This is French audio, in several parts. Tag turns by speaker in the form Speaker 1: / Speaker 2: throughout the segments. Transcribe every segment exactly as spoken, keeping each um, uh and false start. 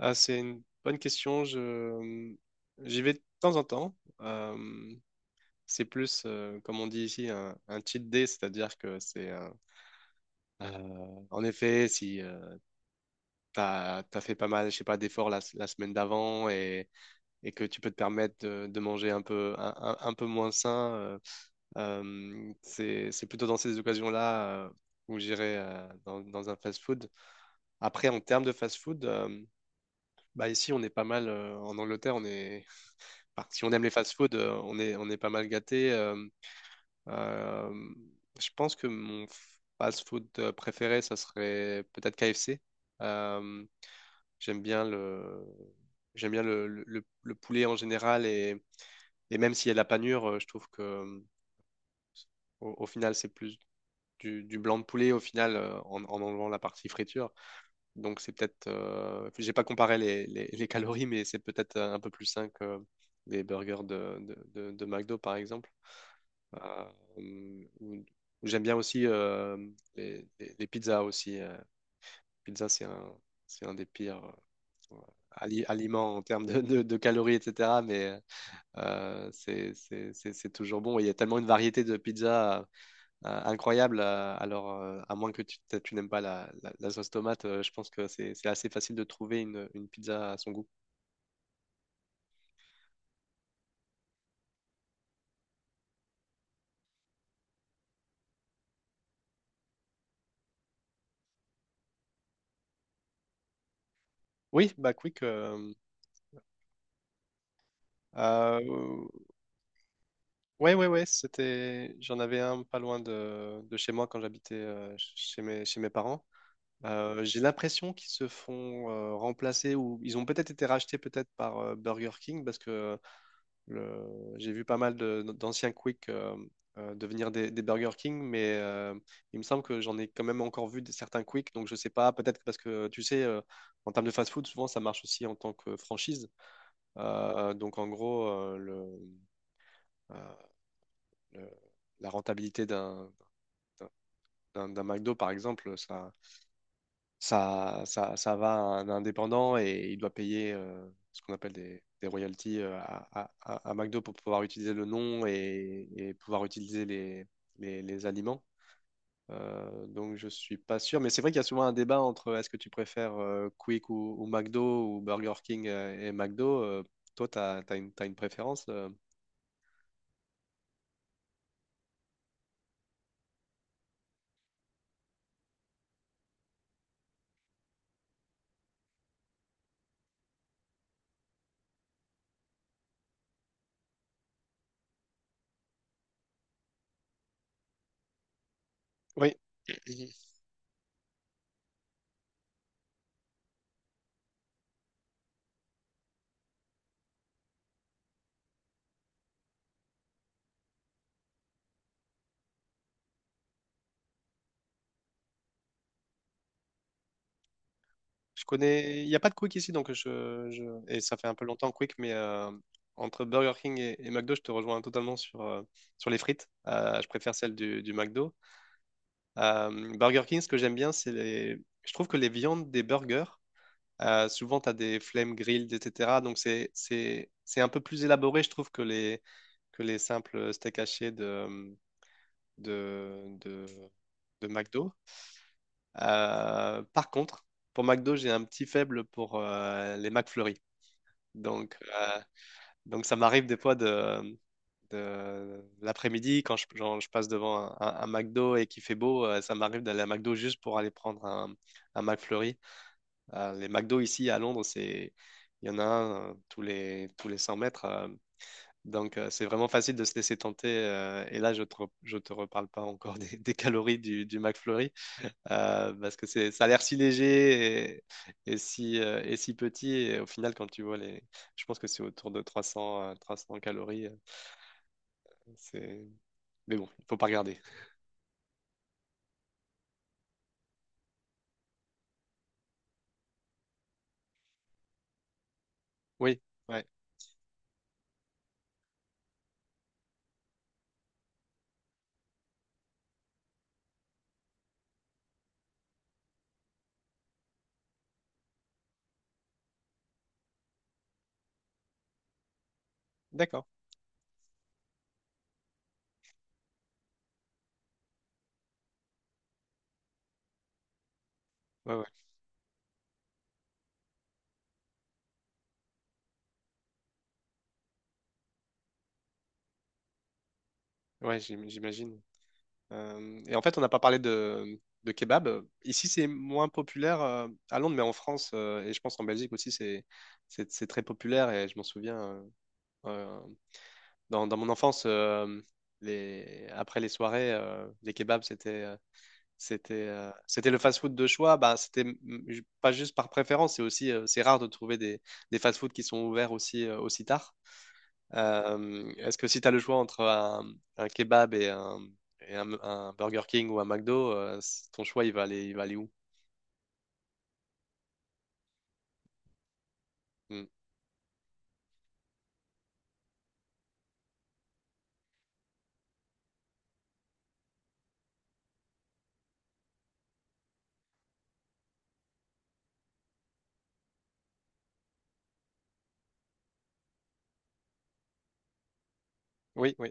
Speaker 1: Ah, c'est une bonne question. Je... J'y vais de temps en temps. Euh, c'est plus, euh, comme on dit ici, un, un cheat day, c'est-à-dire que c'est... euh, euh, en effet, si tu as, fait pas mal, je sais pas, d'efforts la, la semaine d'avant et, et que tu peux te permettre de, de manger un peu, un, un- un peu moins sain, euh, euh, c'est, c'est plutôt dans ces occasions-là euh, où j'irai euh, dans, dans un fast-food. Après, en termes de fast-food... euh, Bah ici, on est pas mal, euh, en Angleterre, on est, bah, si on aime les fast-food, euh, on est, on est pas mal gâté. euh, euh, je pense que mon fast-food euh, préféré, ça serait peut-être K F C. Euh, j'aime bien le, J'aime bien le, le- le- le poulet en général et, et même s'il y a de la panure, euh, je trouve que euh, au, au final, c'est plus du, du blanc de poulet au final euh, en, en enlevant la partie friture. Donc c'est peut-être, euh, j'ai pas comparé les, les- les calories, mais c'est peut-être un peu plus sain que les burgers de, de, de- de McDo par exemple. Euh, ou- J'aime bien aussi euh, les, les- les pizzas aussi. euh. Pizza, c'est un, c'est un des pires euh, ali- aliments en termes de, de- de calories, et cetera. Mais euh, c'est c'est- c'est- c'est toujours bon. Il y a tellement une variété de pizzas euh, incroyable. Euh, alors, euh, à moins que tu, t- tu n'aimes pas la, la- la sauce tomate, euh, je pense que c'est c'est assez facile de trouver une, une pizza à son goût. Oui, bah quick. euh, euh, Ouais, ouais, ouais, c'était... j'en avais un pas loin de, de chez moi quand j'habitais euh, chez mes, chez mes parents. Euh, j'ai l'impression qu'ils se font euh, remplacer ou ils ont peut-être été rachetés peut-être par euh, Burger King parce que le... j'ai vu pas mal de- d'anciens Quick euh, euh, devenir des, des Burger King, mais euh, il me semble que j'en ai quand même encore vu de- certains Quick, donc je sais pas, peut-être que- parce que tu sais, euh, en termes de fast-food, souvent ça marche aussi en tant que franchise. Euh, donc en gros, euh, le... euh, le- la rentabilité d'un d'un d'un McDo, par exemple, ça, ça, ça, ça va à un indépendant et il doit payer euh, ce qu'on appelle des, des royalties euh, à, à- à McDo pour pouvoir utiliser le nom et, et pouvoir utiliser les, les, les aliments. Euh, donc je suis pas sûr, mais c'est vrai qu'il y a souvent un débat entre est-ce que tu préfères euh, Quick ou, ou McDo ou Burger King euh, et McDo. Euh, toi, tu as, une, t'as une préférence euh Oui. Je connais. Il n'y a pas de Quick ici, donc je, je... et ça fait un peu longtemps Quick, mais euh, entre Burger King et, et McDo, je te rejoins totalement sur, euh, sur les frites. Euh, je préfère celle du, du McDo. Euh, Burger King, ce que j'aime bien, c'est les. je trouve que les viandes des burgers, euh, souvent, tu as des flame grilled, et cetera. Donc, c'est, c'est, c'est un peu plus élaboré, je trouve, que les, que les simples steaks hachés de, de, de, de McDo. Euh, par contre, pour McDo, j'ai un petit faible pour euh, les McFlurry. Donc, euh, donc ça m'arrive des fois de, de l'après-midi, quand je, genre, je passe devant un, un- un McDo et qu'il fait beau, euh, ça m'arrive d'aller à McDo juste pour aller prendre un, un McFlurry. Euh, les McDo ici à Londres, c'est, il y en a un euh, tous les, tous les cent mètres. Euh, donc euh, c'est vraiment facile de se laisser tenter. Euh, et là, je te, re- je te reparle pas encore des, des calories du, du McFlurry euh, parce que c'est, ça a l'air si léger et, et si, euh, et si petit. Et au final, quand tu vois les. je pense que c'est autour de trois cents, euh, trois cents calories. euh, C'est... Mais bon, il faut pas regarder. Oui, ouais, d'accord. Ouais, ouais, ouais, j'im- j'imagine. Euh, et en fait, on n'a pas parlé de, de kebab. Ici, c'est moins populaire euh, à Londres, mais en France, euh, et je pense en Belgique aussi, c'est, c'est, c'est très populaire. Et je m'en souviens, euh, euh, dans, dans mon enfance, euh, les... après les soirées, euh, les kebabs, c'était. Euh, C'était euh, c'était le fast-food de choix. Bah, c'était mm, ju- pas juste par préférence, c'est aussi euh, c'est rare de trouver des, des fast-food qui sont ouverts aussi euh, aussi tard. Euh, est-ce que si tu as le choix entre un, un kebab et un, et un- un Burger King ou un McDo, euh, c- ton choix il va aller il va aller où? Mm. Oui, oui.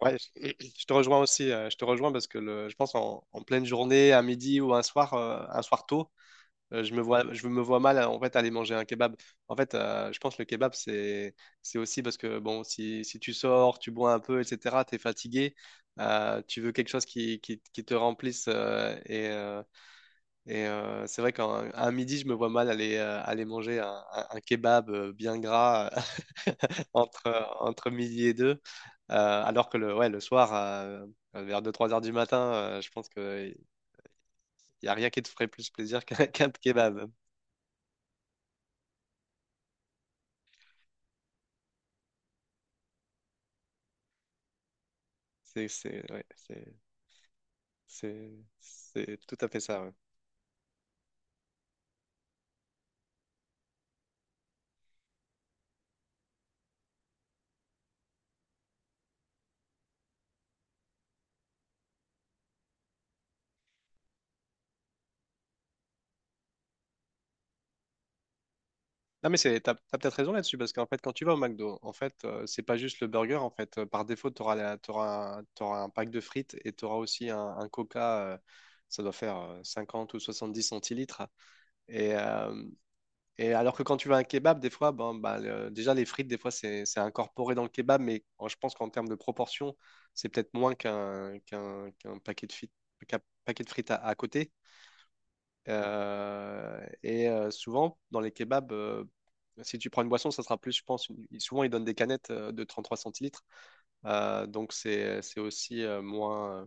Speaker 1: Ouais, je, je te rejoins aussi. Euh, je te rejoins parce que le, je pense en, en pleine journée, à midi ou un soir, euh, un soir tôt. Euh, je me vois, je me vois mal en fait aller manger un kebab. En fait, euh, je pense que le kebab c'est c'est aussi parce que bon, si, si tu sors, tu bois un peu, et cetera. T'es fatigué, euh, tu veux quelque chose qui, qui, qui te remplisse euh, et euh, et euh, c'est vrai qu'un un midi, je me vois mal aller euh, aller manger un, un- un kebab euh, bien gras euh, entre entre midi et deux. Euh, alors que le ouais le soir. euh, Vers deux trois heures du matin, euh, je pense qu'il n'y a rien qui te ferait plus plaisir qu'un qu'un kebab. C'est, c'est, ouais, c'est, c'est, c'est tout à fait ça. Ouais. Non, mais c'est, t'as, t'as peut-être raison là-dessus, parce qu'en fait, quand tu vas au McDo, en fait, euh, c'est pas juste le burger, en fait. Euh, Par défaut, tu auras, un, t'auras un pack de frites et tu auras aussi un, un Coca, euh, ça doit faire euh, cinquante ou dix centilitres. Et, euh, et alors que quand tu vas à un kebab, des fois, bon, bah, le- déjà, les frites, des fois, c'est, c'est incorporé dans le kebab, mais en- je pense qu'en termes de proportion, c'est peut-être moins qu'un qu'un, qu'un paquet de frites, qu'un paquet de frites à à côté. Euh, et euh, souvent, dans les kebabs, euh, si tu prends une boisson, ça sera plus, je pense. une- ils- Souvent, ils donnent des canettes euh, de trois centilitres. Euh, donc, c'est, c'est aussi euh, moins. euh,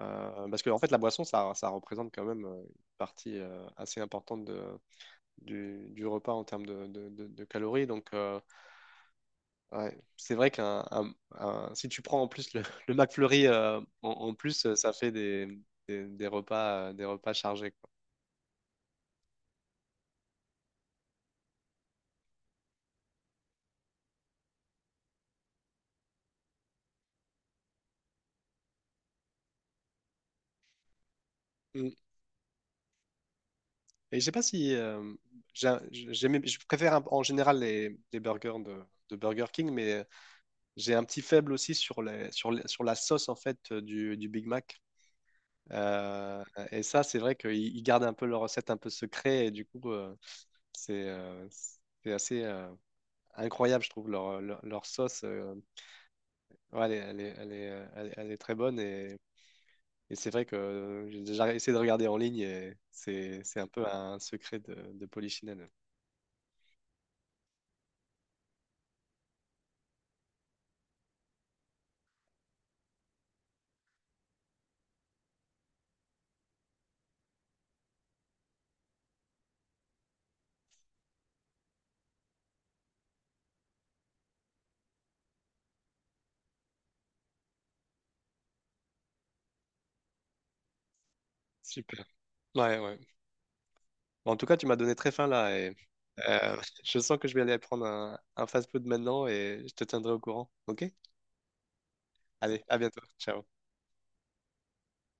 Speaker 1: euh, Parce que, en fait, la boisson, ça, ça représente quand même euh, une partie euh, assez importante de, du, du repas en termes de, de- de- de calories. Donc, euh, ouais, c'est vrai qu'un, un- un- si tu prends en plus le, le McFlurry euh, en, en plus, ça fait des, des, des repas, euh, des repas chargés, quoi. Et je sais pas si euh, j'a- j'aimais- je préfère un- en général les, les burgers de, de Burger King, mais j'ai un petit faible aussi sur les, sur les- sur la sauce en fait du, du Big Mac. Euh, et ça, c'est vrai qu'ils ils gardent un peu leur recette un peu secret et du coup, euh, c'est euh, c'est assez euh, incroyable, je trouve leur, leur, leur sauce. Euh, ouais, elle est, elle est, elle est, euh, elle est- elle est très bonne et, et c'est vrai que j'ai déjà essayé de regarder en ligne et c'est c'est un peu un secret de, de Polichinelle. Super. Ouais, ouais. Bon, en tout cas, tu m'as donné très faim là et euh, je sens que je vais aller prendre un, un fast-food maintenant et je te tiendrai au courant. Ok? Allez, à bientôt. Ciao.